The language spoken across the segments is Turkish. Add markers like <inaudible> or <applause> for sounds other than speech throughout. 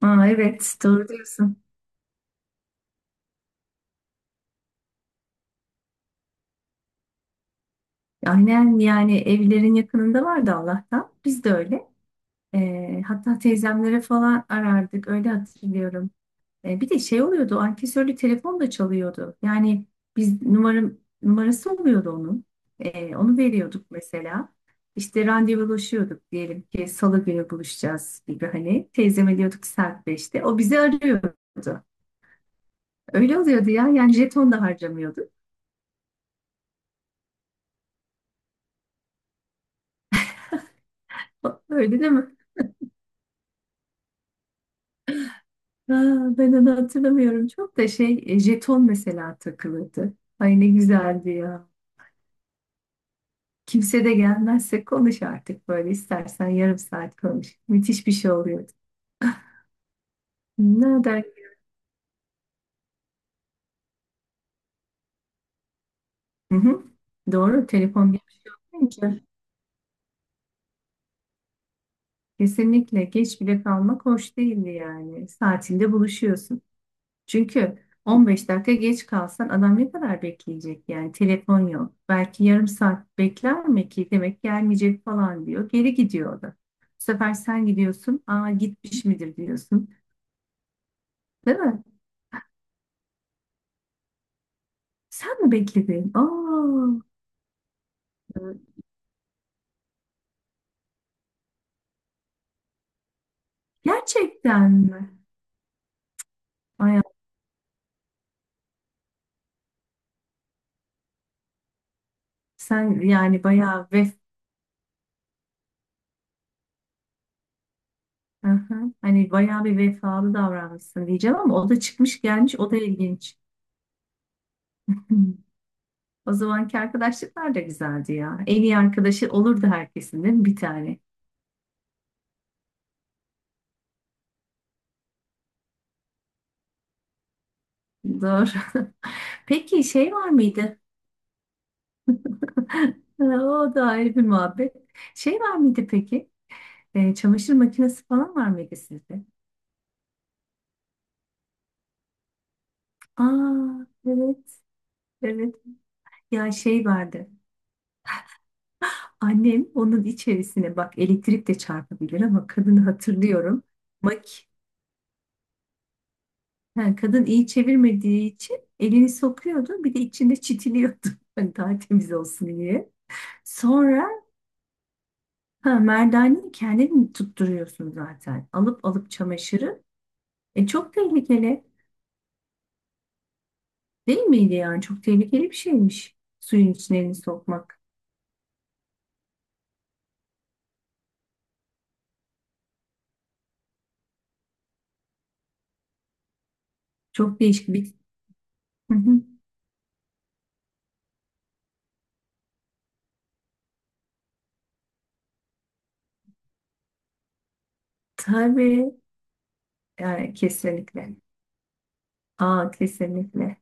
Aa, evet doğru diyorsun. Aynen yani evlerin yakınında vardı Allah'tan. Biz de öyle. Hatta teyzemlere falan arardık öyle hatırlıyorum. Bir de şey oluyordu ankesörlü telefon da çalıyordu. Yani biz numarası oluyordu onun. Onu veriyorduk mesela. İşte randevulaşıyorduk diyelim ki salı günü buluşacağız gibi hani. Teyzeme diyorduk ki saat 5'te. O bizi arıyordu. Öyle oluyordu ya yani jeton da harcamıyorduk. Öyle değil mi? Ha, ben onu hatırlamıyorum çok da jeton mesela takılırdı. Ay ne güzeldi ya. Kimse de gelmezse konuş artık böyle istersen yarım saat konuş. Müthiş bir şey oluyordu. Ne kadar. Hı hı. Doğru telefon geçmeyince kesinlikle geç bile kalmak hoş değildi yani. Saatinde buluşuyorsun. Çünkü 15 dakika geç kalsan adam ne kadar bekleyecek yani telefon yok. Belki yarım saat bekler mi ki demek gelmeyecek falan diyor. Geri gidiyor o da. Bu sefer sen gidiyorsun. Aa, gitmiş midir diyorsun. Değil mi? Sen mi bekledin? Aa, gerçekten mi? Ay, sen yani bayağı. Hı hı. Hani bayağı bir vefalı davranmışsın diyeceğim ama o da çıkmış gelmiş o da ilginç. Hmm. O zamanki arkadaşlıklar da güzeldi ya. En iyi arkadaşı olurdu herkesin değil mi? Bir tane. Doğru. <laughs> Peki şey var mıydı? <laughs> O da ayrı bir muhabbet. Şey var mıydı peki? Çamaşır makinesi falan var mıydı sizde? Aa, evet, evet. Ya şey vardı. Annem onun içerisine bak elektrik de çarpabilir ama kadını hatırlıyorum. Mak ha, Kadın iyi çevirmediği için elini sokuyordu. Bir de içinde çitiliyordu. <laughs> Hani daha temiz olsun diye. Sonra ha, merdaneyi kendin tutturuyorsun zaten. Alıp alıp çamaşırı. Çok tehlikeli. Değil miydi yani? Çok tehlikeli bir şeymiş. Suyun içine elini sokmak. Çok değişik bir. <laughs> Hı hı. Tabii. Yani kesinlikle. Aa, kesinlikle.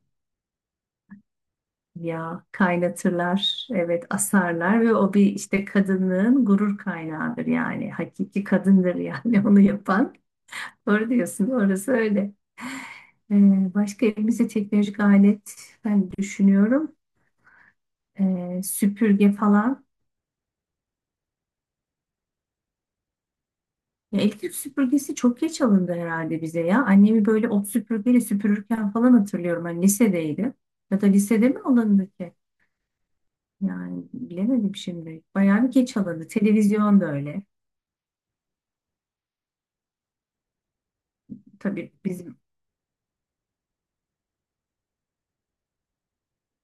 Ya kaynatırlar. Evet, asarlar ve o bir işte kadının gurur kaynağıdır yani. Hakiki kadındır yani <laughs> onu yapan. Doğru diyorsun. Orası öyle. Ee, Başka elimizde teknolojik alet ben düşünüyorum. Süpürge falan. Ya elektrik süpürgesi çok geç alındı herhalde bize ya. Annemi böyle ot süpürgeyle süpürürken falan hatırlıyorum. Hani lisedeydi. Ya da lisede mi alındı ki? Yani bilemedim şimdi. Bayağı bir geç alındı. Televizyon da öyle. Tabii bizim.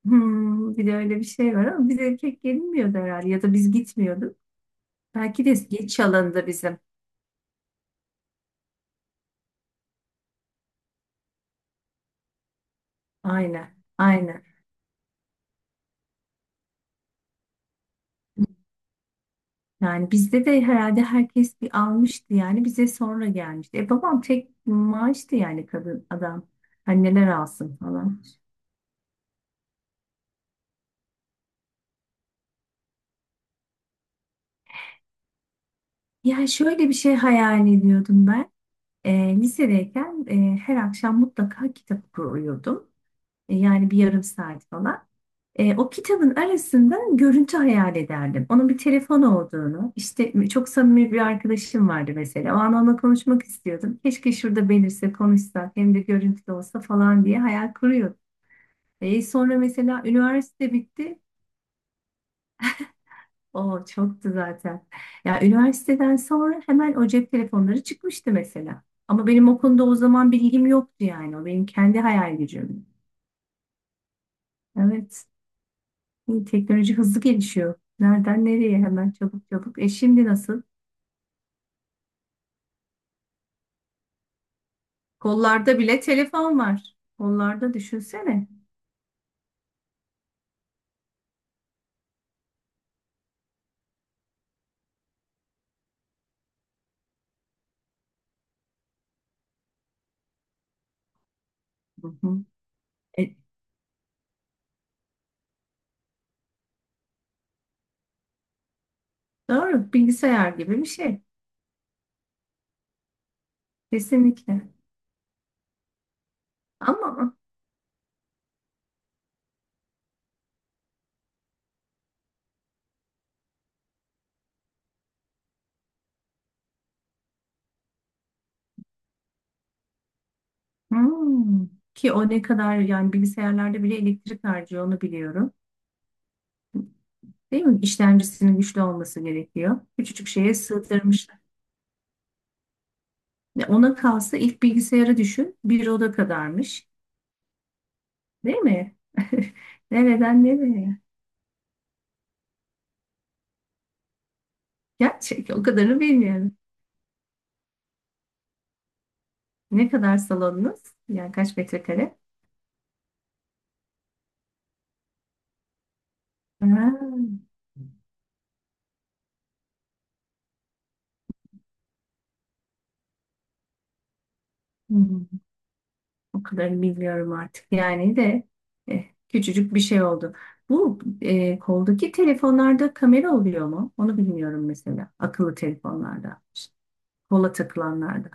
Bir de öyle bir şey var ama bize pek gelinmiyordu herhalde. Ya da biz gitmiyorduk. Belki de geç alındı bizim. Aynen. Aynen. Yani bizde de herhalde herkes bir almıştı yani bize sonra gelmişti. Babam tek maaştı yani kadın adam. Hani neler alsın falan. Yani şöyle bir şey hayal ediyordum ben. Lisedeyken her akşam mutlaka kitap okuyordum. Yani bir yarım saat falan. O kitabın arasında görüntü hayal ederdim. Onun bir telefon olduğunu, işte çok samimi bir arkadaşım vardı mesela. O an onunla konuşmak istiyordum. Keşke şurada belirse konuşsak hem de görüntülü olsa falan diye hayal kuruyordum. Sonra mesela üniversite bitti. O çoktu zaten. Ya üniversiteden sonra hemen o cep telefonları çıkmıştı mesela. Ama benim o konuda o zaman bilgim yoktu yani. O benim kendi hayal gücüm. Evet. İyi, teknoloji hızlı gelişiyor. Nereden nereye hemen çabuk çabuk. Şimdi nasıl? Kollarda bile telefon var. Kollarda düşünsene. Hı hı. E, doğru. Bilgisayar gibi bir şey. Kesinlikle. Ama hmm. Ki o ne kadar yani bilgisayarlarda bile elektrik harcıyor onu biliyorum. Değil mi? İşlemcisinin güçlü olması gerekiyor. Küçücük şeye sığdırmışlar. Ya ona kalsa ilk bilgisayarı düşün. Bir oda kadarmış. Değil mi? <laughs> Nereden nereye? Gerçek o kadarını bilmiyorum. Ne kadar salonunuz? Yani kaç metrekare? Ha. O kadarını bilmiyorum artık. Yani de eh, küçücük bir şey oldu. Bu koldaki telefonlarda kamera oluyor mu? Onu bilmiyorum mesela. Akıllı telefonlarda, işte kola takılanlarda.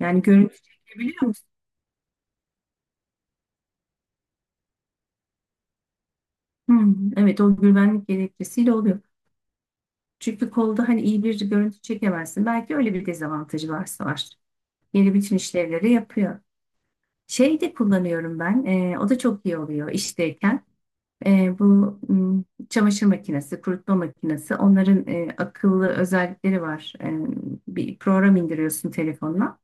Yani görüntü çekebiliyor musun? Hmm, evet, o güvenlik gerekçesiyle oluyor. Çünkü kolda hani iyi bir görüntü çekemezsin. Belki öyle bir dezavantajı varsa var. Yeni bütün işlevleri yapıyor. Şey de kullanıyorum ben. O da çok iyi oluyor işteyken. Bu çamaşır makinesi, kurutma makinesi onların akıllı özellikleri var. Bir program indiriyorsun telefonla.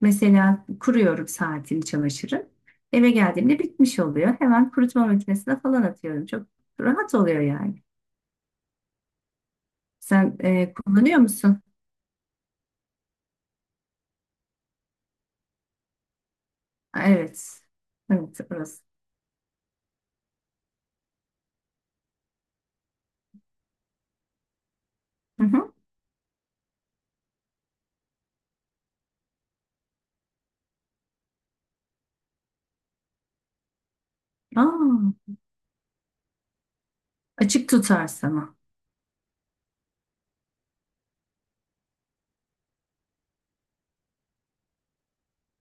Mesela kuruyorum saatini çamaşırı. Eve geldiğimde bitmiş oluyor. Hemen kurutma makinesine falan atıyorum. Çok rahat oluyor yani. Sen kullanıyor musun? Evet. Evet, orası. Hı hı. Aa, açık tutar sana.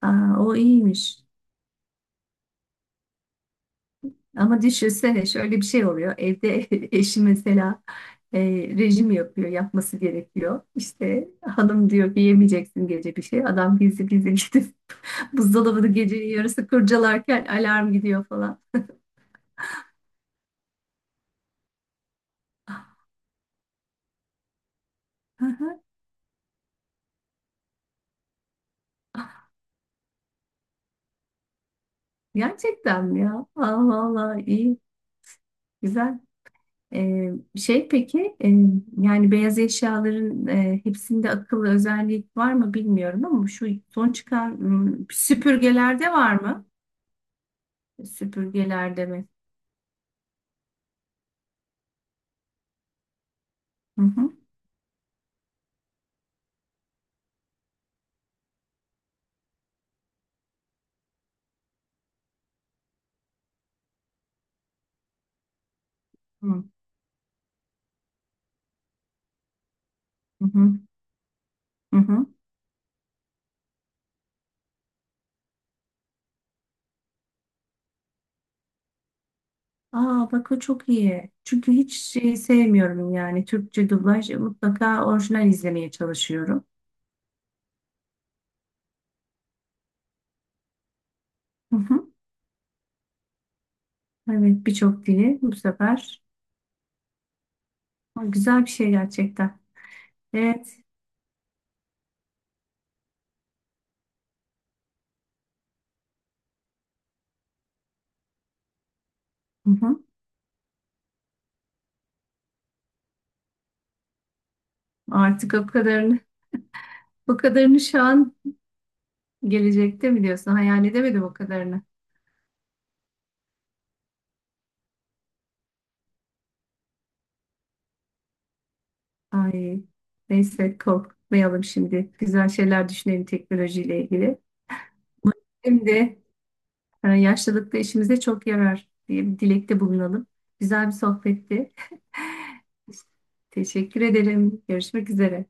Aa, o iyiymiş. Ama düşünsene şöyle bir şey oluyor. Evde <laughs> eşi mesela e, rejim yapıyor, yapması gerekiyor. İşte hanım diyor ki yemeyeceksin gece bir şey. Adam gizli gizli gidip <laughs> buzdolabını gecenin yarısı kurcalarken alarm gidiyor falan. <laughs> Gerçekten mi ya? Allah Allah, iyi, güzel. E, peki, yani beyaz eşyaların hepsinde akıllı özellik var mı bilmiyorum ama şu son çıkan süpürgelerde var mı? Süpürgeler demek. Hı hı. Hı hı. Hı, hı hı. Aa, bak o çok iyi. Çünkü hiç şey sevmiyorum yani Türkçe dublaj. Mutlaka orijinal izlemeye çalışıyorum. Hı hı. Evet, birçok dili bu sefer. Aa, güzel bir şey gerçekten. Evet. Hı hı. Artık o kadarını şu an gelecekte mi diyorsun? Hayal edemedim o kadarını. Ay, neyse korkmayalım şimdi. Güzel şeyler düşünelim teknolojiyle ilgili. Şimdi yaşlılıkta işimize çok yarar diye bir dilekte bulunalım. Güzel bir sohbetti. <laughs> Teşekkür ederim. Görüşmek üzere.